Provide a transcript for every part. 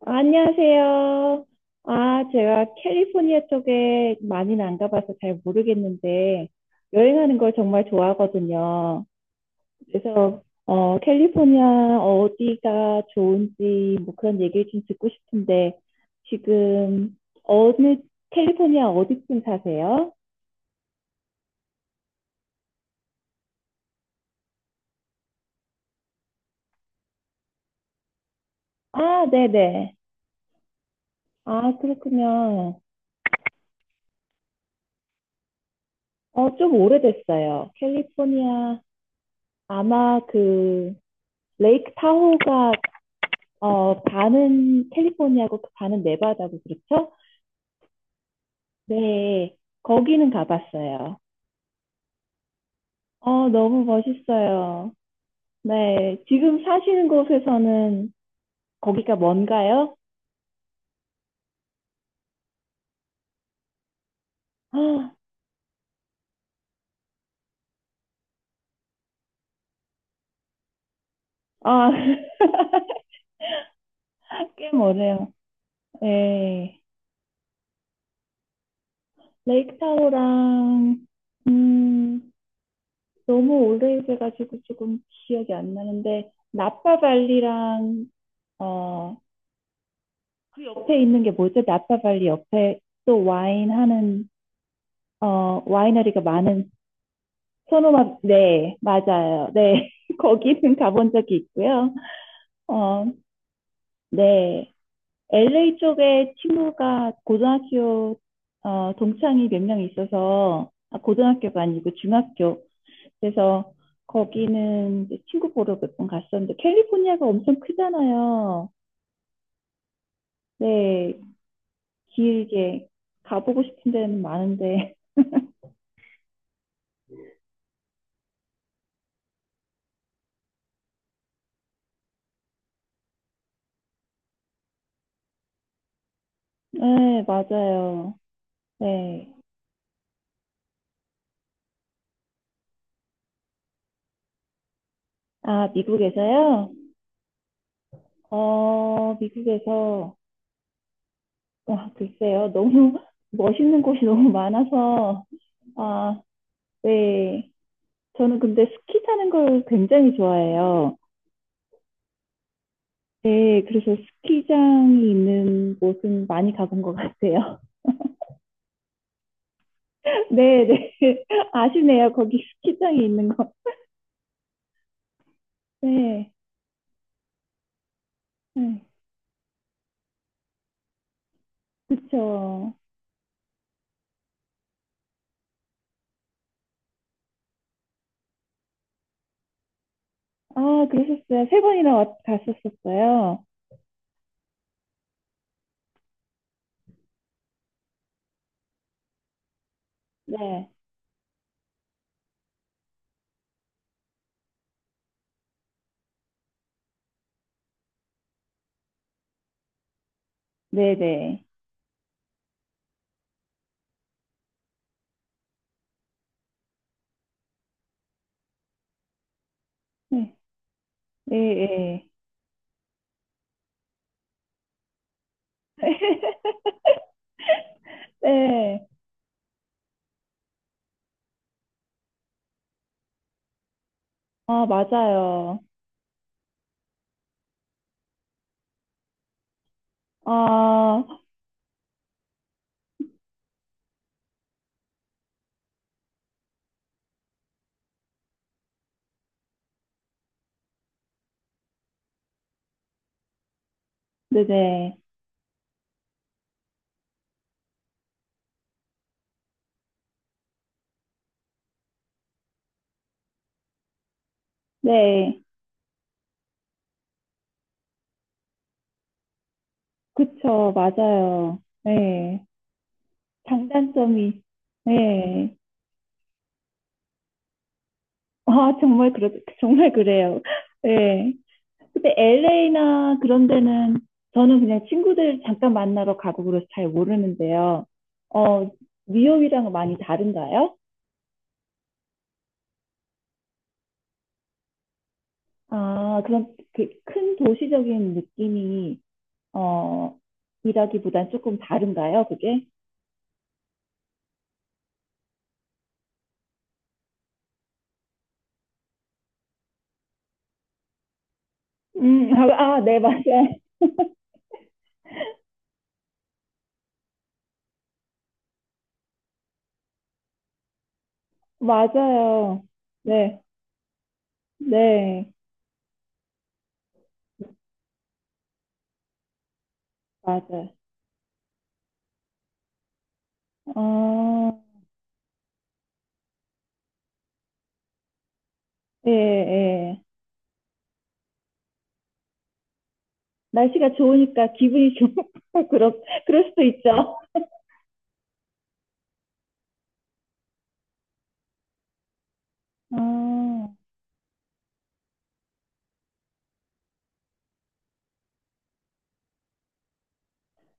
안녕하세요. 제가 캘리포니아 쪽에 많이는 안 가봐서 잘 모르겠는데, 여행하는 걸 정말 좋아하거든요. 그래서, 캘리포니아 어디가 좋은지, 뭐 그런 얘기를 좀 듣고 싶은데, 지금, 어느, 캘리포니아 어디쯤 사세요? 아, 네네. 아, 그렇군요. 좀 오래됐어요. 캘리포니아, 아마 그, 레이크 타호가 반은 캘리포니아고 그 반은 네바다고 그렇죠? 네, 거기는 가봤어요. 너무 멋있어요. 네, 지금 사시는 곳에서는 거기가 먼가요? 아, 아, 꽤 멀어요. 네, 레이크 타호랑 음, 너무 오래돼가지고 조금 기억이 안 나는데 나파 발리랑 어, 그 옆에 있는 게 뭐죠? 나파 발리 옆에 또 와인 하는 와이너리가 많은 소노마, 네, 맞아요. 네, 거기는 가본 적이 있고요. 어, 네, LA 쪽에 친구가 고등학교 동창이 몇 명 있어서 아, 고등학교가 아니고 중학교. 그래서 거기는 이제 친구 보러 몇 번 갔었는데 캘리포니아가 엄청 크잖아요. 네, 길게 가보고 싶은 데는 많은데. 네, 맞아요. 네. 아, 미국에서요? 미국에서, 와, 글쎄요. 너무 멋있는 곳이 너무 많아서, 아, 네. 저는 근데 스키 타는 걸 굉장히 좋아해요. 네, 그래서 스키장이 있는 곳은 많이 가본 것 같아요. 네, 네. 아시네요. 거기 스키장이 있는 거. 네, 네. 그쵸. 아, 그러셨어요. 세 번이나 왔, 갔었었어요. 네, 네, 네. 네, 네, 네. 네. 아, 맞아요. 아, 네네. 네. 그쵸, 맞아요. 네. 장단점이, 네. 아, 정말, 그렇, 정말 그래요. 네. 근데 LA나 그런 데는 저는 그냥 친구들 잠깐 만나러 가고 그래서 잘 모르는데요. 어, 뉴욕이랑 많이 다른가요? 아, 그럼 그 큰 도시적인 느낌이, 어, 이라기보단 조금 다른가요, 그게? 아, 아, 네, 맞아요. 맞아요. 네, 네, 맞아요. 어, 예, 예. 날씨가 좋으니까 기분이 좋고, 그럴, 그럴 수도 있죠. 아,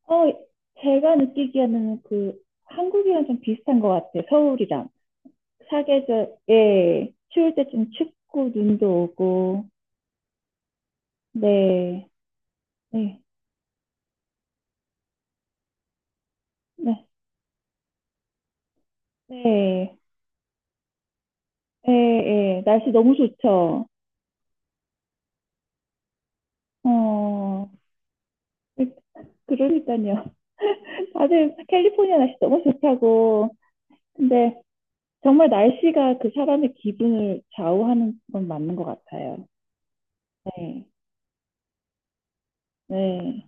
어, 제가 느끼기에는 그, 한국이랑 좀 비슷한 것 같아요. 서울이랑. 사계절, 예, 추울 때 좀 춥고, 눈도 오고, 네, 네, 네, 네, 예, 예. 날씨 너무 좋죠. 어, 그, 그러니까요. 아주 캘리포니아 날씨 너무 좋다고. 근데 정말 날씨가 그 사람의 기분을 좌우하는 건 맞는 것 같아요. 네. 네.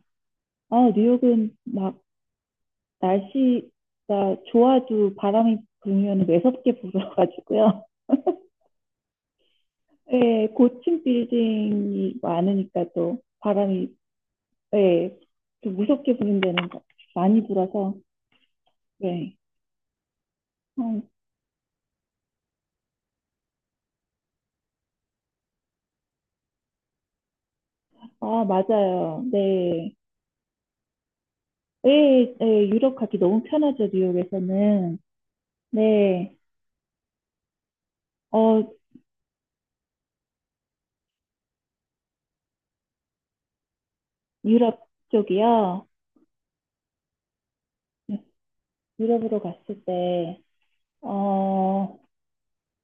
아, 뉴욕은 막 날씨가 좋아도 바람이 불면 매섭게 불어가지고요. 네, 고층 빌딩이 많으니까 또 바람이, 네, 좀 무섭게 부는 데는 많이 불어서, 네. 어, 아, 맞아요. 네. 네, 네, 유럽 가기 너무 편하죠, 뉴욕에서는. 네, 어, 유럽 쪽이요. 네, 유럽으로 갔을 때, 어,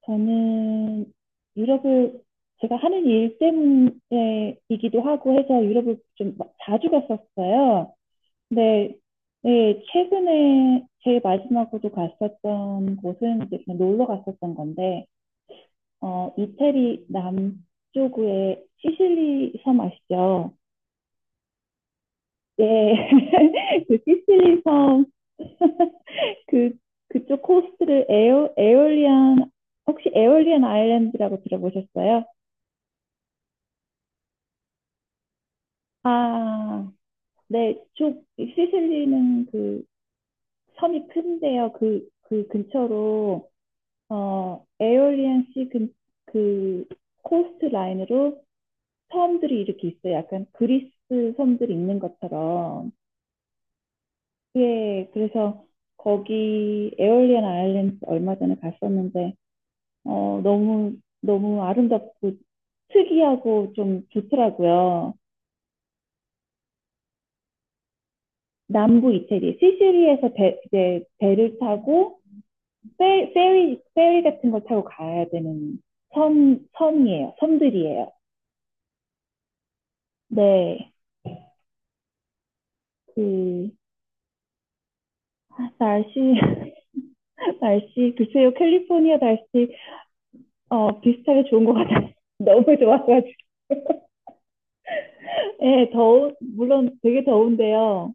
저는 유럽을 제가 하는 일 때문에이기도 하고 해서 유럽을 좀 마- 자주 갔었어요. 근데 네, 최근에 제일 마지막으로 갔었던 곳은 이제 그냥 놀러 갔었던 건데, 이태리 남쪽의 시실리 섬 아시죠? 네, 그 시실리 섬 그, 그쪽 코스트를 에어, 에올리안, 혹시 에올리안 아일랜드라고 들어보셨어요? 아, 네, 쪽, 시실리는 그 섬이 큰데요. 그, 그 근처로, 어, 에올리안 씨 근, 그 코스트 라인으로 섬들이 이렇게 있어요. 약간 그리스 섬들이 있는 것처럼. 예, 그래서 거기 에올리안 아일랜드 얼마 전에 갔었는데, 어, 너무, 너무 아름답고 특이하고 좀 좋더라고요. 남부 이태리, 시시리에서 배, 이제 배를 타고 페, 페리, 페리 같은 걸 타고 가야 되는 선, 선이에요. 섬들이에요. 네. 그, 날씨, 날씨, 글쎄요, 캘리포니아 날씨, 비슷하게 좋은 것 같아요. 너무 좋아가지고. 예, 더운, 물론 되게 더운데요.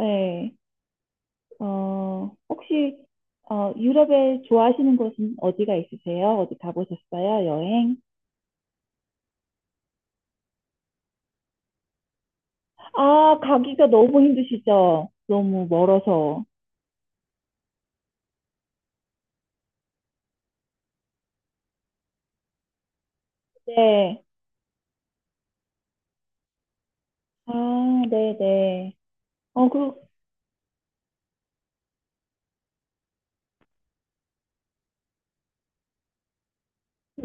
예, 혹시 유럽에 좋아하시는 곳은 어디가 있으세요? 어디 가보셨어요? 여행? 아, 가기가 너무 힘드시죠? 너무 멀어서. 네. 아, 네네. 어, 그,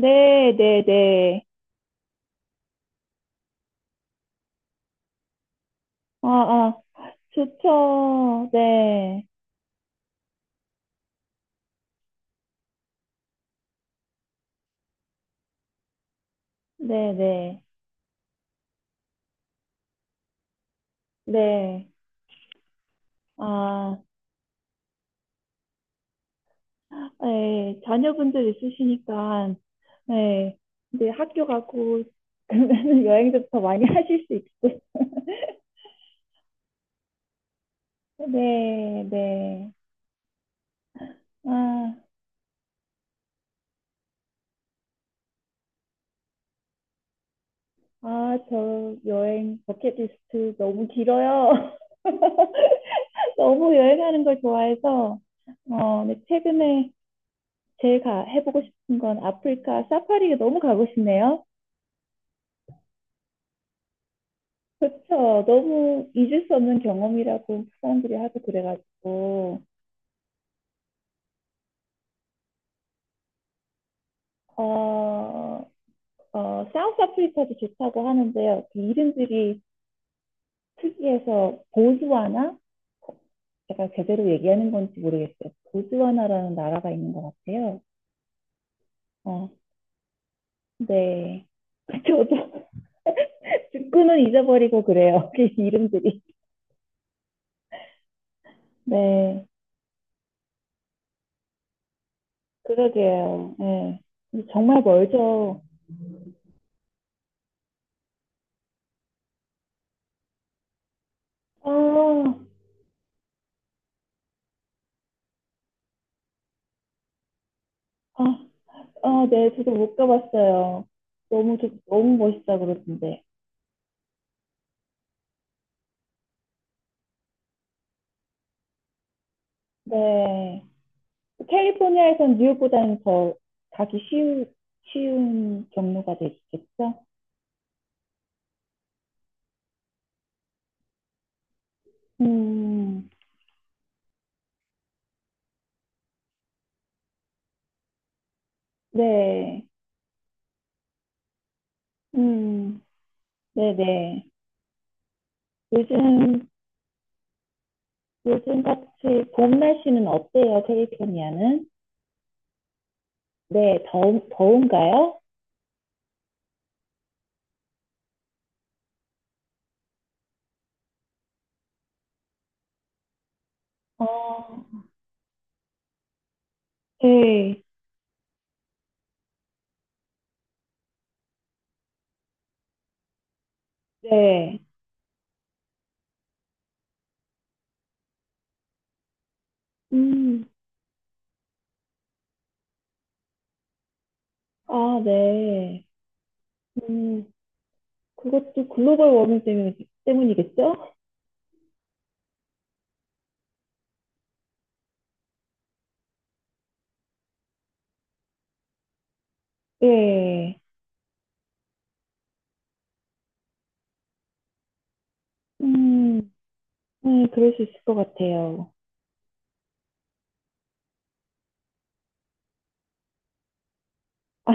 네네네. 아, 아, 좋죠. 네. 네네. 네. 네. 아, 네. 자녀분들 있으시니까, 네. 이제 학교 가고, 그러면 여행도 더 많이 하실 수 있고. 네, 네. 아, 아, 저 여행 버킷리스트 너무 길어요. 너무 여행하는 걸 좋아해서, 어, 네, 최근에 제 가, 해보고 싶은 건 아프리카 사파리가 너무 가고 싶네요. 그렇죠. 너무 잊을 수 없는 경험이라고 사람들이 하고 그래가지고, 어, 사우스 아프리카도 좋다고 하는데요. 그 이름들이 특이해서 보스와나 제가 제대로 얘기하는 건지 모르겠어요. 보즈와나라는 나라가 있는 것 같아요. 어, 네. 저도 듣고는 잊어버리고 그래요. 그 이름들이. 네. 그러게요. 네. 정말 멀죠. 아, 아, 아, 네. 저도 못 가봤어요. 너무, 좋- 너무 멋있다 그러던데. 네. 캘리포니아에선 뉴욕보다는 더 가기 쉬운, 쉬운 경로가 되겠죠? 음, 네. 음. 네네. 요즘, 요즘 같이 봄 날씨는 어때요, 캘리포니아는? 네, 더운, 더운가요? 어, 네, 네. 음, 아, 네. 음, 그것도 글로벌 워밍 때문, 때문이겠죠? 네. 음, 네, 그럴 수 있을 것 같아요. 아,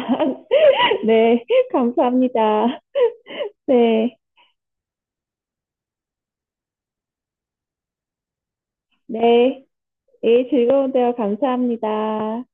네, 감사합니다. 네, 네. 예, 즐거운 대화 감사합니다.